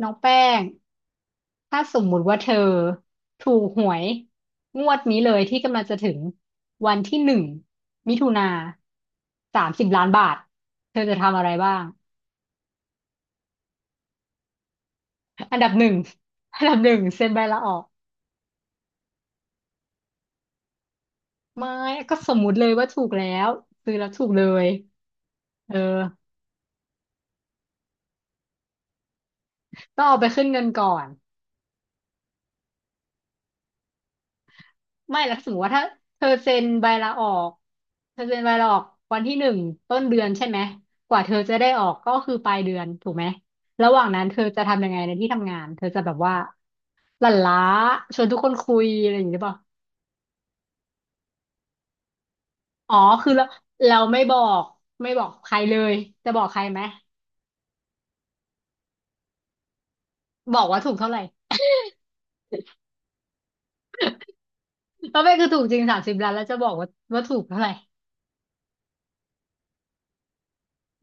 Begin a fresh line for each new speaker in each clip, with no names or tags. น้องแป้ง ถ้าสมมุติว่าเธอถูกหวยงวดนี้เลยที่กำลังจะถึงวันที่หนึ่งมิถุนา30 ล้านบาทเธอจะทำอะไรบ้างอันดับหนึ่งอันดับหนึ่งเซ็นใบลาออกไม่ก็สมมุติเลยว่าถูกแล้วซื้อแล้วถูกเลยเออต้องเอาไปขึ้นเงินก่อน ไม่แล้วสมมติว่าถ้าเธอเซ็นใบลาออกเธอเซ็นใบลาออกวันที่หนึ่งต้นเดือนใช่ไหมกว่าเธอจะได้ออกก็คือปลายเดือนถูกไหมระหว่างนั้นเธอจะทำยังไงในที่ทำงานเธอจะแบบว่าหลั่นล้าชวนทุกคนคุยอะไรอย่างนี้หรือเปล่าอ๋อคือเราไม่บอกใครเลยจะบอกใครไหมบอกว่าถูกเท่าไหร่แล้วไม่คือถูกจริงสามสิบล้านแล้วจะบอกว่าถูกเท่าไหร่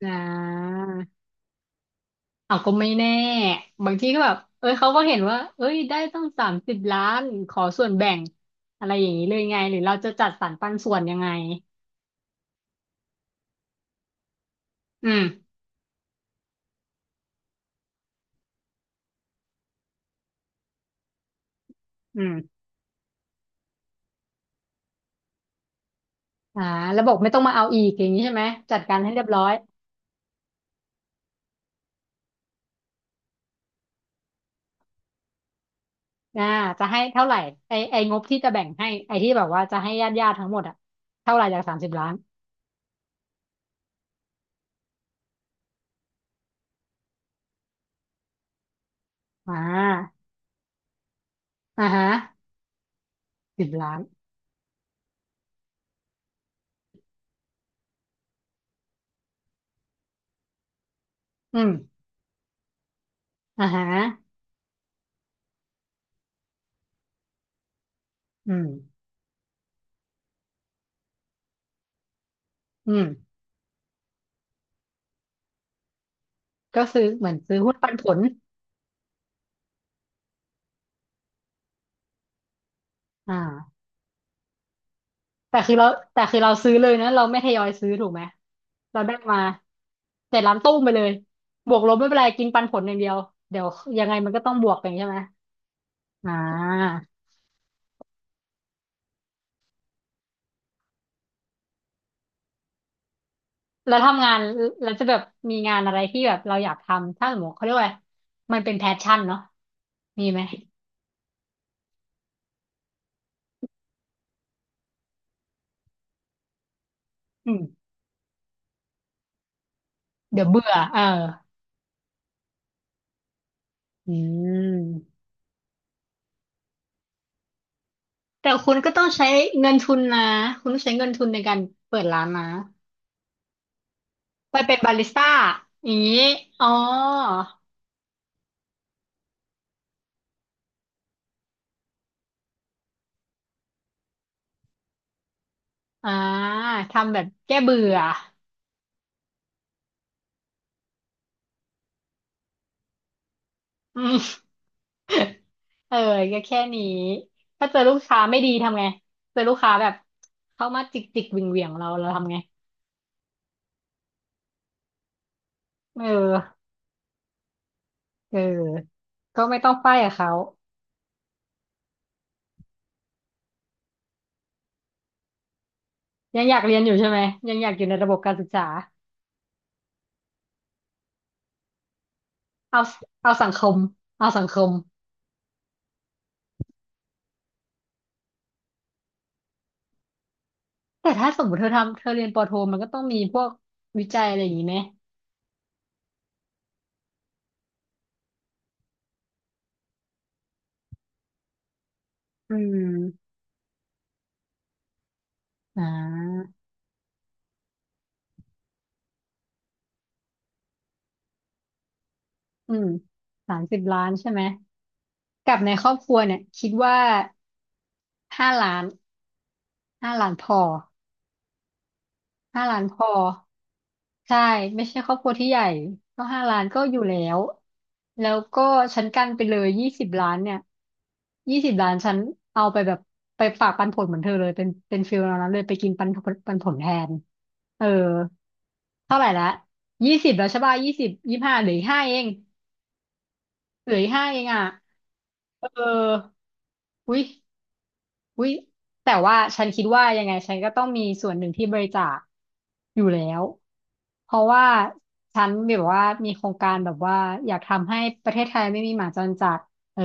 อ่า เอาก็ไม่แน่บางทีก็แบบเอ้ยเขาก็เห็นว่าเอ้ย ได้ต้อง30 ล้าน ขอส่วนแบ่งอะไรอย่างนี้เลยไง หรือเราจะจัดสรรปันส่วนยังไง อืม อืมอ่าแล้วบอกไม่ต้องมาเอาอีกอย่างนี้ใช่ไหม จัดการให้เรียบร้อยอ่าจะให้เท่าไหร่ ไองบที่จะแบ่งให้ ไอที่แบบว่าจะให้ญาติญาติทั้งหมดอะเท่าไหร่จากสามสิบล้านอ่าอ่าฮะสิบล้านอืมอ่าฮะอืมอืมก็ซื้อเหมือนซื้อหุ้นปันผลอ่า แต่คือเราแต่คือเราซื้อเลยนะเราไม่ทยอยซื้อถูกไหมเราได้มาเสร็จร้านตู้มไปเลยบวกลบไม่เป็นไรกินปันผลอย่างเดียวเดี๋ยวยังไงมันก็ต้องบวกกันใช่ไหมอ่าแล้วทำงานแล้วจะแบบมีงานอะไรที่แบบเราอยากทำถ้าสมมติเขาเรียกว่าอะไรมันเป็นแพชชั่นเนาะมีไหมอืมเดี๋ยวเบื่อเอออืมแต่คุณก็ต้องใช้เงินทุนนะคุณต้องใช้เงินทุนในการเปิดร้านนะไปเป็นบาริสต้าอย่างนี้อ๋อ อ่าทำแบบแก้เบื่ออืม เออก็แค่นี้ถ้าเจอลูกค้าไม่ดีทำไงเจอลูกค้าแบบเข้ามาจิกจิกเหวี่ยงเหวี่ยงเราทำไงเออเออก็ไม่ต้องป้ายกับเขายังอยากเรียนอยู่ใช่ไหมยังอยากอยู่ในระบบการศึกษาเอาเอาสังคมเอาสังคมแต่ถ้าสมมติเธอทำเธอเรียนปอโทมันก็ต้องมีพวกวิจัยอะไรอย่างนี้ไหมอืมอ่าอืมสามสิบล้านใช่ไหมกับในครอบครัวเนี่ยคิดว่า ห้าล้านห้าล้านพอห้าล้านพอใช่ไม่ใช่ครอบครัวที่ใหญ่ก็ห้าล้านก็อยู่แล้วแล้วก็ฉันกันไปเลยยี่สิบล้านเนี่ยยี่สิบล้านฉันเอาไปแบบไปฝากปันผลเหมือนเธอเลยเป็นฟิลนั้นเลยไปกินปันผลแทนเออเท่าไหร่ละยี่สิบแล้วใช่ป่ะยี่สิบยี่ห้าเหลืออีกห้าเองเหลืออีกห้าเองอ่ะเอออุย อุ๊ยแต่ว่าฉันคิดว่ายังไงฉันก็ต้องมีส่วนหนึ่งที่บริจาคอยู่แล้วเพราะว่าฉันแบบว่ามีโครงการแบบว่าอยากทำให้ประเทศไทยไม่มีหมาจรจัดเออ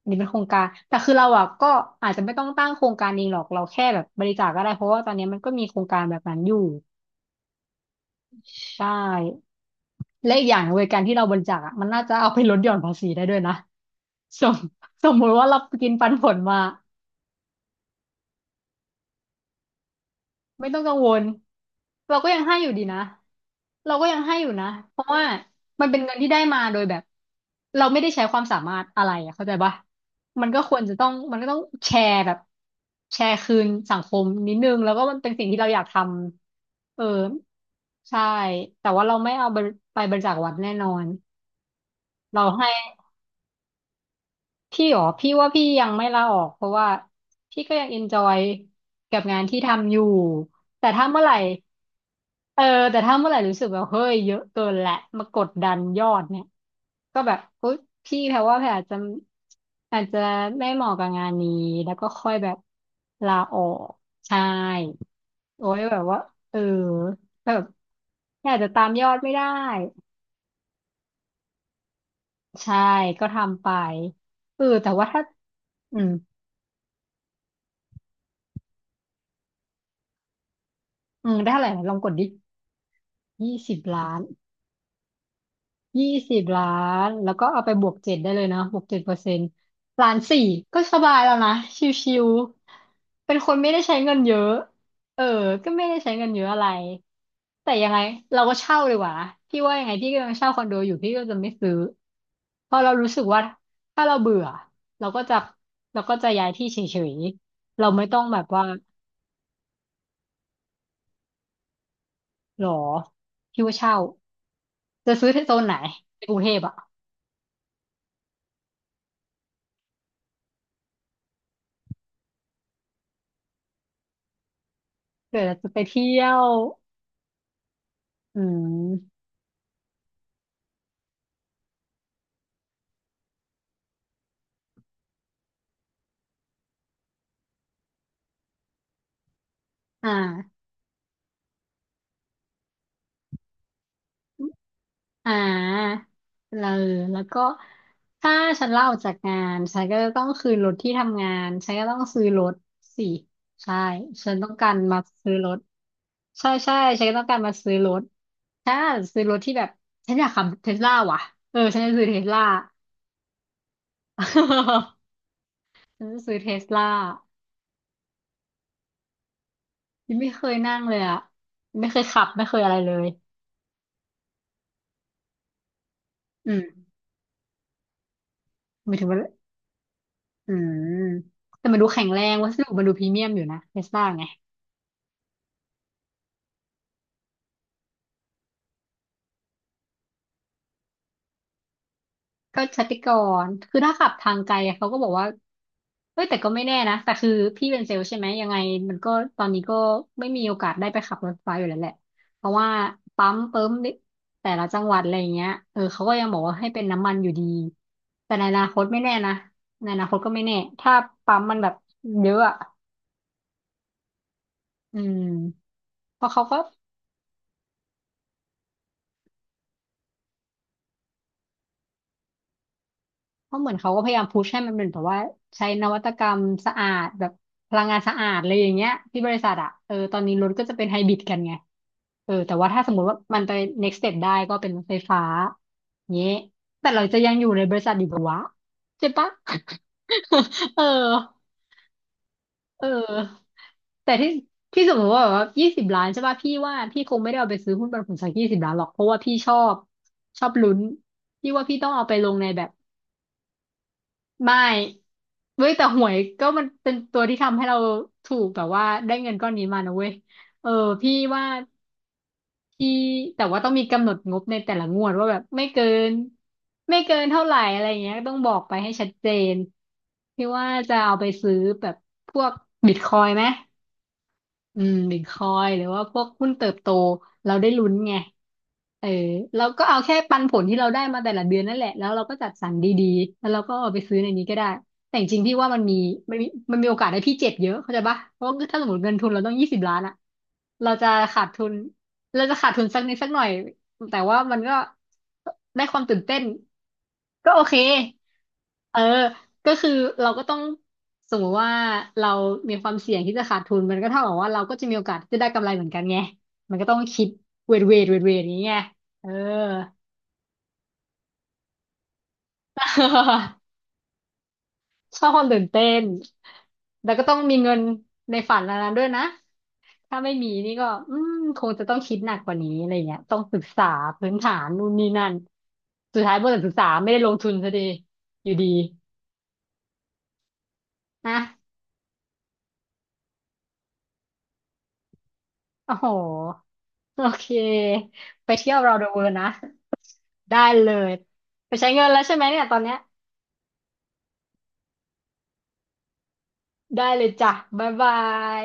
อันนี้เป็นโครงการแต่คือเราอ่ะก็อาจจะไม่ต้องตั้งโครงการเองหรอกเราแค่แบบบริจาคก็ได้เพราะว่าตอนนี้มันก็มีโครงการแบบนั้นอยู่ใช่และอีกอย่างเวยการที่เราบริจาคอะมันน่าจะเอาไปลดหย่อนภาษีได้ด้วยนะสมสมมติว่าเรากินปันผลมา ไม่ต้องกังวลเราก็ยังให้อยู่ดีนะเราก็ยังให้อยู่นะเพราะว่ามันเป็นเงินที่ได้มาโดยแบบเราไม่ได้ใช้ความสามารถอะไรอะเข้าใจปะมันก็ควรจะต้องแชร์แบบแชร์คืนสังคมนิดนึงแล้วก็มันเป็นสิ่งที่เราอยากทำเออใช่แต่ว่าเราไม่เอาไปไปบริจาควัดแน่นอนเราให้พี่หรอพี่ว่าพี่ยังไม่ลาออกเพราะว่าพี่ก็ยังเอนจอยกับงานที่ทำอยู่แต่ถ้าเมื่อไหร่ เออแต่ถ้าเมื่อไหร่รู้สึกแบบเฮ้ยเยอะเกินแหละมากดดันยอดเนี่ยก็แบบอุ๊ยพี่แพรว่าแพรอาจจะไม่เหมาะกับงานนี้แล้วก็ค่อยแบบลาออกใช่โอ้ยแบบว่าเออแบบแพรอาจจะตามยอดไม่ได้ใช่ก็ทำไปเออแต่ว่าถ้าอืมอืมได้เท่าไหร่นะลองกดดิยี่สิบล้าน ยี่สิบล้านแล้วก็เอาไปบวกเจ็ดได้เลยเนาะบวก7%ล้านสี่ก็สบายแล้วนะชิวๆเป็นคนไม่ได้ใช้เงินเยอะเออก็ไม่ได้ใช้เงินเยอะอะไรแต่ยังไงเราก็เช่าดีกว่านะพี่ว่ายังไงพี่ก็ยังเช่าคอนโดอยู่พี่ก็จะไม่ซื้อเพราะเรารู้สึกว่าถ้าเราเบื่อเราก็จะย้ายที่เฉยๆเราไม่ต้องแบบว่าหรอพี่ว่าเช่าจะซื้อที่โซนไหนในกรุงเทพอ่ะเกิดจะไปเที่ยวอืม อ่าอ่าเราแล้วก็ถ้าฉันลาออกจากงานฉันก็จะต้องคืนรถที่ทำงานฉันก็ต้องซื้อรถสิใช่ฉันต้องการมาซื้อรถใช่ใช่ฉันก็ต้องการมาซื้อรถถ้าซื้อรถที่แบบฉันอยากขับเทสลาว่ะเออฉันจะซื้อเทสลา ฉันจะซื้อเทสลายังไม่เคยนั่งเลยอะไม่เคยขับไม่เคยอะไรเลยอืมหมายถึงว่าอืมแต่มันดูแข็งแรงวัสดุมันดูพรีเมียมอยู่นะเทสลาไง ก็ชติกรคือถ้าขับทางไกลอะเขาก็บอกว่าเฮ้ยแต่ก็ไม่แน่นะแต่คือพี่เป็นเซลล์ใช่ไหม ยังไงมันก็ตอนนี้ก็ไม่มีโอกาสได้ไปขับรถไฟอยู่แล้วแหละ เพราะว่าปั๊มเปิมนิแต่ละจังหวัดอะไรอย่างเงี้ยเออเขาก็ยังบอกว่าให้เป็นน้ำมันอยู่ดี แต่ในอนาคตไม่แน่นะในอนาคตก็ไม่แน่ ถ้าปั๊มมันแบบเยอะอะอืมเพราะเขาก็ เพราะเหมือนเขาก็พยายามพุชให้มันเป็นแบบว่าใช้นวัตกรรมสะอาดแบบพลังงานสะอาดอะไรอย่างเงี้ยที่บริษัทอะเออตอนนี้รถก็จะเป็นไฮบริดกันไงเออแต่ว่าถ้าสมมติว่ามันไป next step ได้ก็เป็นรถไฟฟ้าเงี้ยแต่เราจะยังอยู่ในบริษัทอยู่ปะวะใช่ปะ เออเออแต่ที่สมมติว่าแบบว่ายี่สิบล้านใช่ป่ะพี่ว่าพี่คงไม่ได้เอาไปซื้อหุ้นปันผลสักยี่สิบล้านหรอกเพราะว่าพี่ชอบชอบลุ้นพี่ว่าพี่ต้องเอาไปลงในแบบ ไม่เว้ยแต่หวยก็มันเป็นตัวที่ทำให้เราถูกแบบว่าได้เงินก้อนนี้มานะเว้ยเออพี่ว่าพี่แต่ว่าต้องมีกำหนดงบในแต่ละงวดว่าแบบไม่เกินเท่าไหร่อะไรอย่างเงี้ยต้องบอกไปให้ชัดเจนพี่ว่าจะเอาไปซื้อแบบพวกบิตคอยน์ไหม อืมบิตคอยหรือว่าพวกหุ้นเติบโตเราได้ลุ้นไงเออเราก็เอาแค่ปันผลที่เราได้มาแต่ละเดือนนั่นแหละแล้วเราก็จัดสรรดีๆแล้วเราก็เอาไปซื้อในนี้ก็ได้แต่จริงๆพี่ว่ามันมีมันมีโอกาสให้พี่เจ็บเยอะเข้าใจปะเพราะว่าถ้าสมมติเงินทุนเราต้องยี่สิบล้านอะเราจะขาดทุนเราจะขาดทุนสักนิดสักหน่อยแต่ว่ามันก็ได้ความตื่นเต้น ก็โอเค เออก็คือเราก็ต้องสมมติว่าเรามีความเสี่ยงที่จะขาดทุนมันก็เท่ากับว่าเราก็จะมีโอกาสที่จะได้กำไรเหมือนกันไงมันก็ต้องคิดเวทอย่างเงี้ยเออ ชอบความตื่นเต้นแล้วก็ต้องมีเงินในฝันอันนั้นด้วยนะถ้าไม่มีนี่ก็อืมคงจะต้องคิดหนักกว่านี้อะไรเงี้ยต้องศึกษาพื้นฐานนู่นนี่นั่นสุดท้ายบริษัทศึกษาไม่ได้ลงทุนซะดีอยู่ดีนะ โอ้โห โอเค ไปเที่ยวเราเดอะเวิลด์นะ ได้เลย ไปใช้เงินแล้วใช่ไหมเนี่ยตอนเนี้ยได้เลยจ้ะบ๊ายบาย